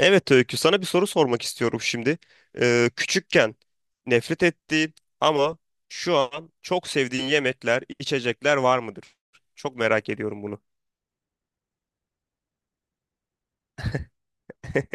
Evet Öykü, sana bir soru sormak istiyorum şimdi. Küçükken nefret ettiğin ama şu an çok sevdiğin yemekler, içecekler var mıdır? Çok merak ediyorum bunu.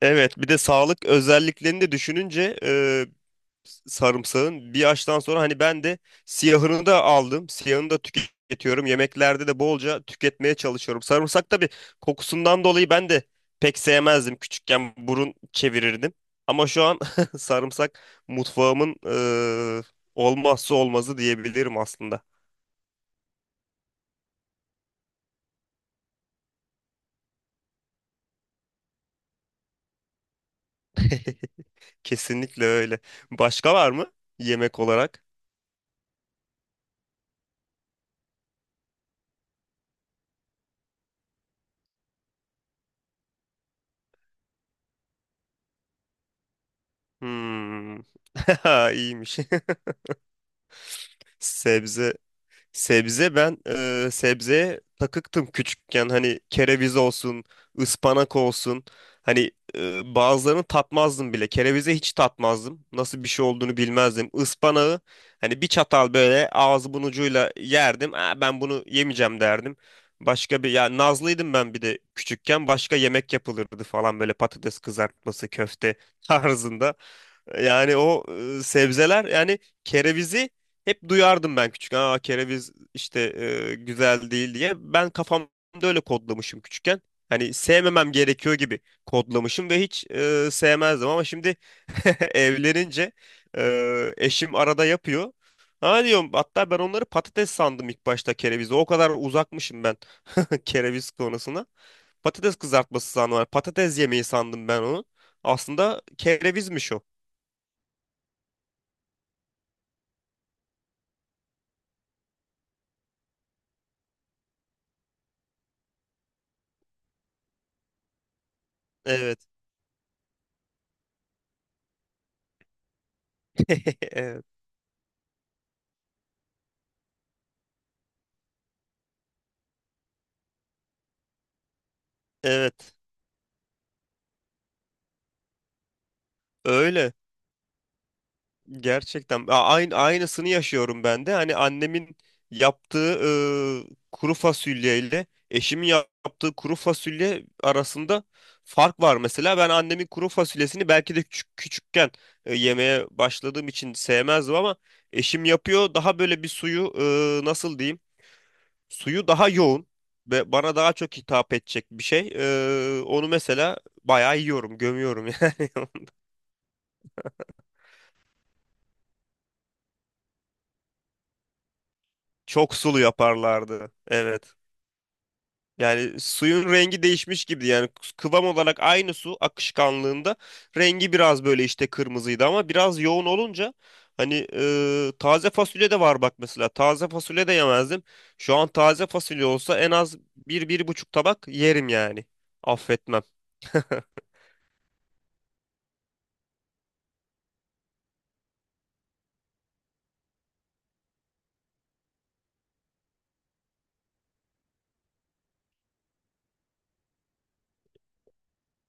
Evet, bir de sağlık özelliklerini de düşününce sarımsağın bir yaştan sonra hani ben de siyahını da aldım. Siyahını da tüketiyorum. Yemeklerde de bolca tüketmeye çalışıyorum. Sarımsak tabii kokusundan dolayı ben de pek sevmezdim. Küçükken burun çevirirdim. Ama şu an sarımsak mutfağımın olmazsa olmazı diyebilirim aslında. Kesinlikle öyle. Başka var mı yemek olarak? Hmm. İyiymiş. Sebze Sebze ben sebzeye takıktım küçükken, hani kereviz olsun, ıspanak olsun. Hani bazılarını tatmazdım bile. Kerevize hiç tatmazdım. Nasıl bir şey olduğunu bilmezdim. Ispanağı hani bir çatal böyle ağzımın ucuyla yerdim. "Aa, ben bunu yemeyeceğim" derdim. Başka bir ya nazlıydım ben, bir de küçükken başka yemek yapılırdı falan, böyle patates kızartması, köfte tarzında. Yani o sebzeler yani, kerevizi hep duyardım ben küçükken. Aa kereviz işte güzel değil diye. Ben kafamda öyle kodlamışım küçükken. Hani sevmemem gerekiyor gibi kodlamışım ve hiç sevmezdim ama şimdi evlenince eşim arada yapıyor. Ha diyorum, hatta ben onları patates sandım ilk başta, kerevizi. O kadar uzakmışım ben kereviz konusuna. Patates kızartması sandım. Hani patates yemeği sandım ben onu. Aslında kerevizmiş o. Evet. Evet. Evet. Öyle. Gerçekten. Aynısını yaşıyorum ben de. Hani annemin yaptığı kuru fasulye ile eşimin yaptığı kuru fasulye arasında fark var mesela. Ben annemin kuru fasulyesini belki de küçükken yemeye başladığım için sevmezdim, ama eşim yapıyor. Daha böyle bir suyu, nasıl diyeyim? Suyu daha yoğun ve bana daha çok hitap edecek bir şey. Onu mesela bayağı yiyorum, gömüyorum yani. Çok sulu yaparlardı. Evet. Yani suyun rengi değişmiş gibi yani, kıvam olarak aynı su akışkanlığında, rengi biraz böyle işte kırmızıydı ama biraz yoğun olunca, hani taze fasulye de var bak mesela, taze fasulye de yemezdim. Şu an taze fasulye olsa en az bir 1,5 tabak yerim yani. Affetmem.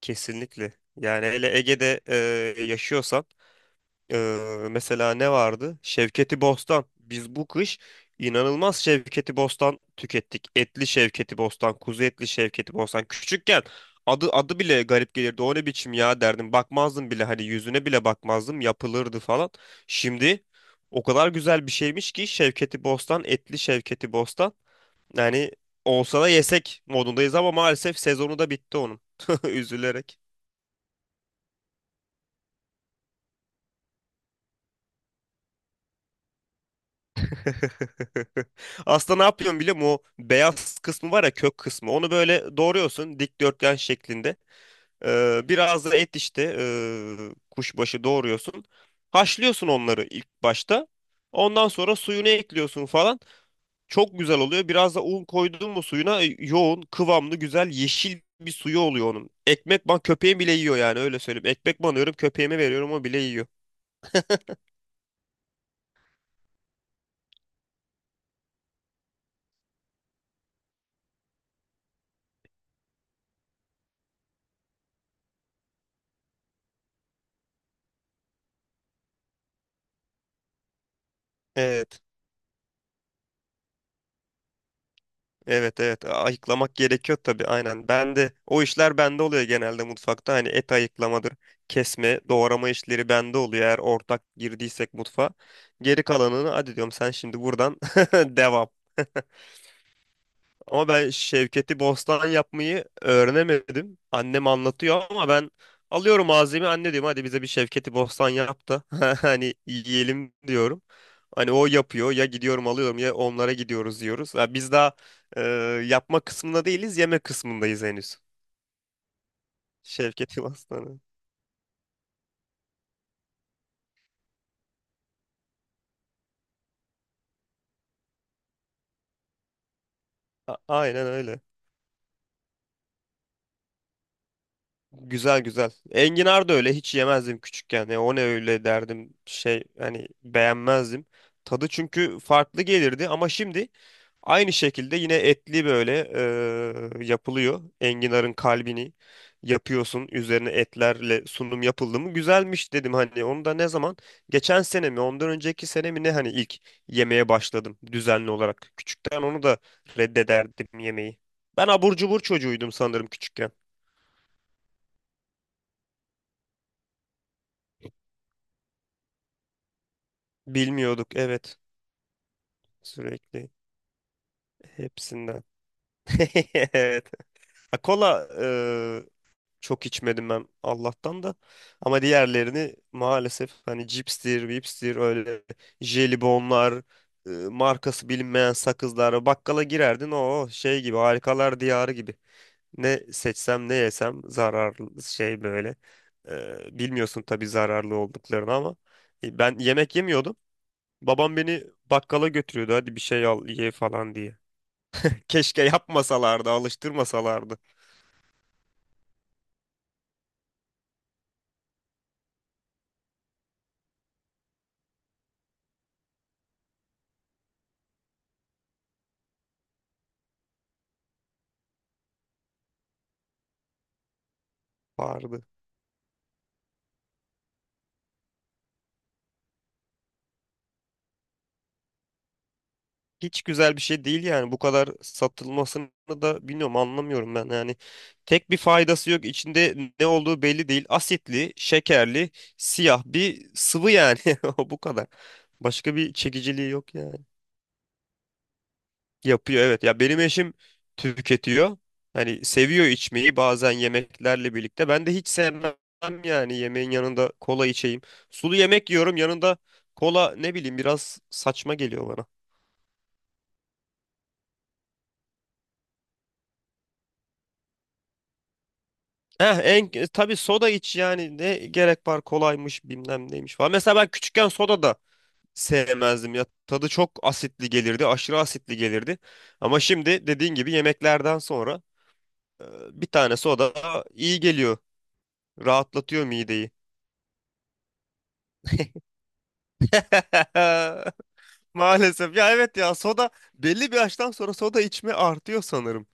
Kesinlikle. Yani hele Ege'de yaşıyorsan. Mesela ne vardı? Şevketi Bostan. Biz bu kış inanılmaz Şevketi Bostan tükettik. Etli Şevketi Bostan, kuzu etli Şevketi Bostan. Küçükken adı bile garip gelirdi. O ne biçim ya derdim. Bakmazdım bile, hani yüzüne bile bakmazdım. Yapılırdı falan. Şimdi o kadar güzel bir şeymiş ki Şevketi Bostan, etli Şevketi Bostan. Yani olsa da yesek modundayız, ama maalesef sezonu da bitti onun. Üzülerek. Aslında ne yapıyorsun biliyor musun? O beyaz kısmı var ya, kök kısmı. Onu böyle doğruyorsun, dikdörtgen şeklinde. Biraz da et işte, kuşbaşı doğruyorsun. Haşlıyorsun onları ilk başta. Ondan sonra suyunu ekliyorsun falan. Çok güzel oluyor. Biraz da un koydun mu suyuna, yoğun, kıvamlı, güzel, yeşil bir suyu oluyor onun. Ekmek ban, köpeğim bile yiyor yani, öyle söyleyeyim. Ekmek banıyorum köpeğime, veriyorum, o bile yiyor. Evet. Evet evet, ayıklamak gerekiyor tabii, aynen. Ben de, o işler bende oluyor genelde mutfakta. Hani et ayıklamadır, kesme, doğrama işleri bende oluyor, eğer ortak girdiysek mutfağa. Geri kalanını hadi diyorum, sen şimdi buradan devam. Ama ben Şevketi Bostan yapmayı öğrenemedim. Annem anlatıyor ama ben alıyorum malzemeyi, anne diyorum hadi bize bir Şevketi Bostan yap da hani yiyelim diyorum. Hani o yapıyor ya, gidiyorum alıyorum, ya onlara gidiyoruz diyoruz. Ya biz daha e, yapma kısmında değiliz, yeme kısmındayız henüz. Şevketi Bostan'ı. Aynen öyle. Güzel güzel. Enginar da öyle, hiç yemezdim küçükken. Ya o ne öyle derdim, şey hani, beğenmezdim. Tadı çünkü farklı gelirdi ama şimdi aynı şekilde yine etli böyle yapılıyor. Enginarın kalbini yapıyorsun. Üzerine etlerle sunum yapıldı mı, güzelmiş dedim, hani onu da ne zaman, geçen sene mi ondan önceki sene mi ne, hani ilk yemeye başladım düzenli olarak. Küçükten onu da reddederdim, yemeği. Ben abur cubur çocuğuydum sanırım küçükken. Bilmiyorduk evet. Sürekli hepsinden. Evet. Ha, kola çok içmedim ben Allah'tan da. Ama diğerlerini maalesef, hani cipstir, vipstir, öyle jelibonlar, markası bilinmeyen sakızlar. Bakkala girerdin, o şey gibi, harikalar diyarı gibi. Ne seçsem ne yesem zararlı şey böyle. Bilmiyorsun tabii zararlı olduklarını, ama ben yemek yemiyordum. Babam beni bakkala götürüyordu. Hadi bir şey al ye falan diye. Keşke yapmasalardı, alıştırmasalardı. Vardı. Hiç güzel bir şey değil yani. Bu kadar satılmasını da bilmiyorum, anlamıyorum ben yani. Tek bir faydası yok. İçinde ne olduğu belli değil. Asitli, şekerli, siyah bir sıvı yani. O bu kadar. Başka bir çekiciliği yok yani. Yapıyor evet. Ya benim eşim tüketiyor. Hani seviyor içmeyi bazen yemeklerle birlikte. Ben de hiç sevmem yani, yemeğin yanında kola içeyim. Sulu yemek yiyorum, yanında kola, ne bileyim, biraz saçma geliyor bana. Tabii soda iç yani, ne gerek var kolaymış bilmem neymiş falan. Mesela ben küçükken soda da sevmezdim ya. Tadı çok asitli gelirdi, aşırı asitli gelirdi. Ama şimdi dediğin gibi yemeklerden sonra e, bir tane soda iyi geliyor. Rahatlatıyor mideyi. Maalesef. Ya evet ya, soda belli bir yaştan sonra soda içme artıyor sanırım.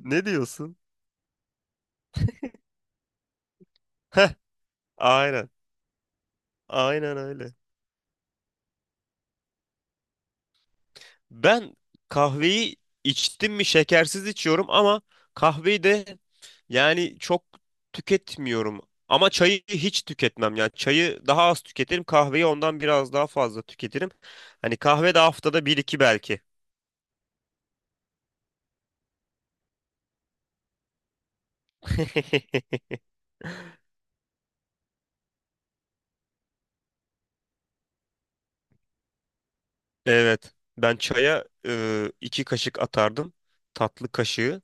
Ne diyorsun? Heh, aynen. Aynen öyle. Ben kahveyi içtim mi şekersiz içiyorum, ama kahveyi de yani çok tüketmiyorum. Ama çayı hiç tüketmem. Yani çayı daha az tüketirim. Kahveyi ondan biraz daha fazla tüketirim. Hani kahve de haftada bir iki belki. Evet. Ben çaya 2 kaşık atardım. Tatlı kaşığı.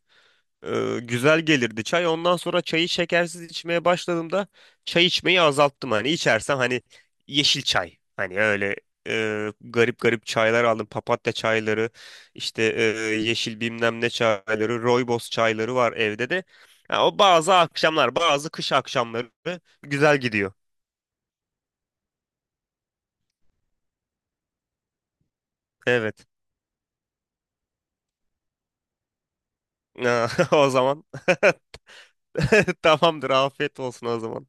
Güzel gelirdi çay. Ondan sonra çayı şekersiz içmeye başladığımda çay içmeyi azalttım. Hani içersem, hani yeşil çay. Hani öyle garip garip çaylar aldım. Papatya çayları, işte yeşil bilmem ne çayları, rooibos çayları var evde de. Ha, o bazı akşamlar, bazı kış akşamları güzel gidiyor. Evet. O zaman tamamdır. Afiyet olsun o zaman.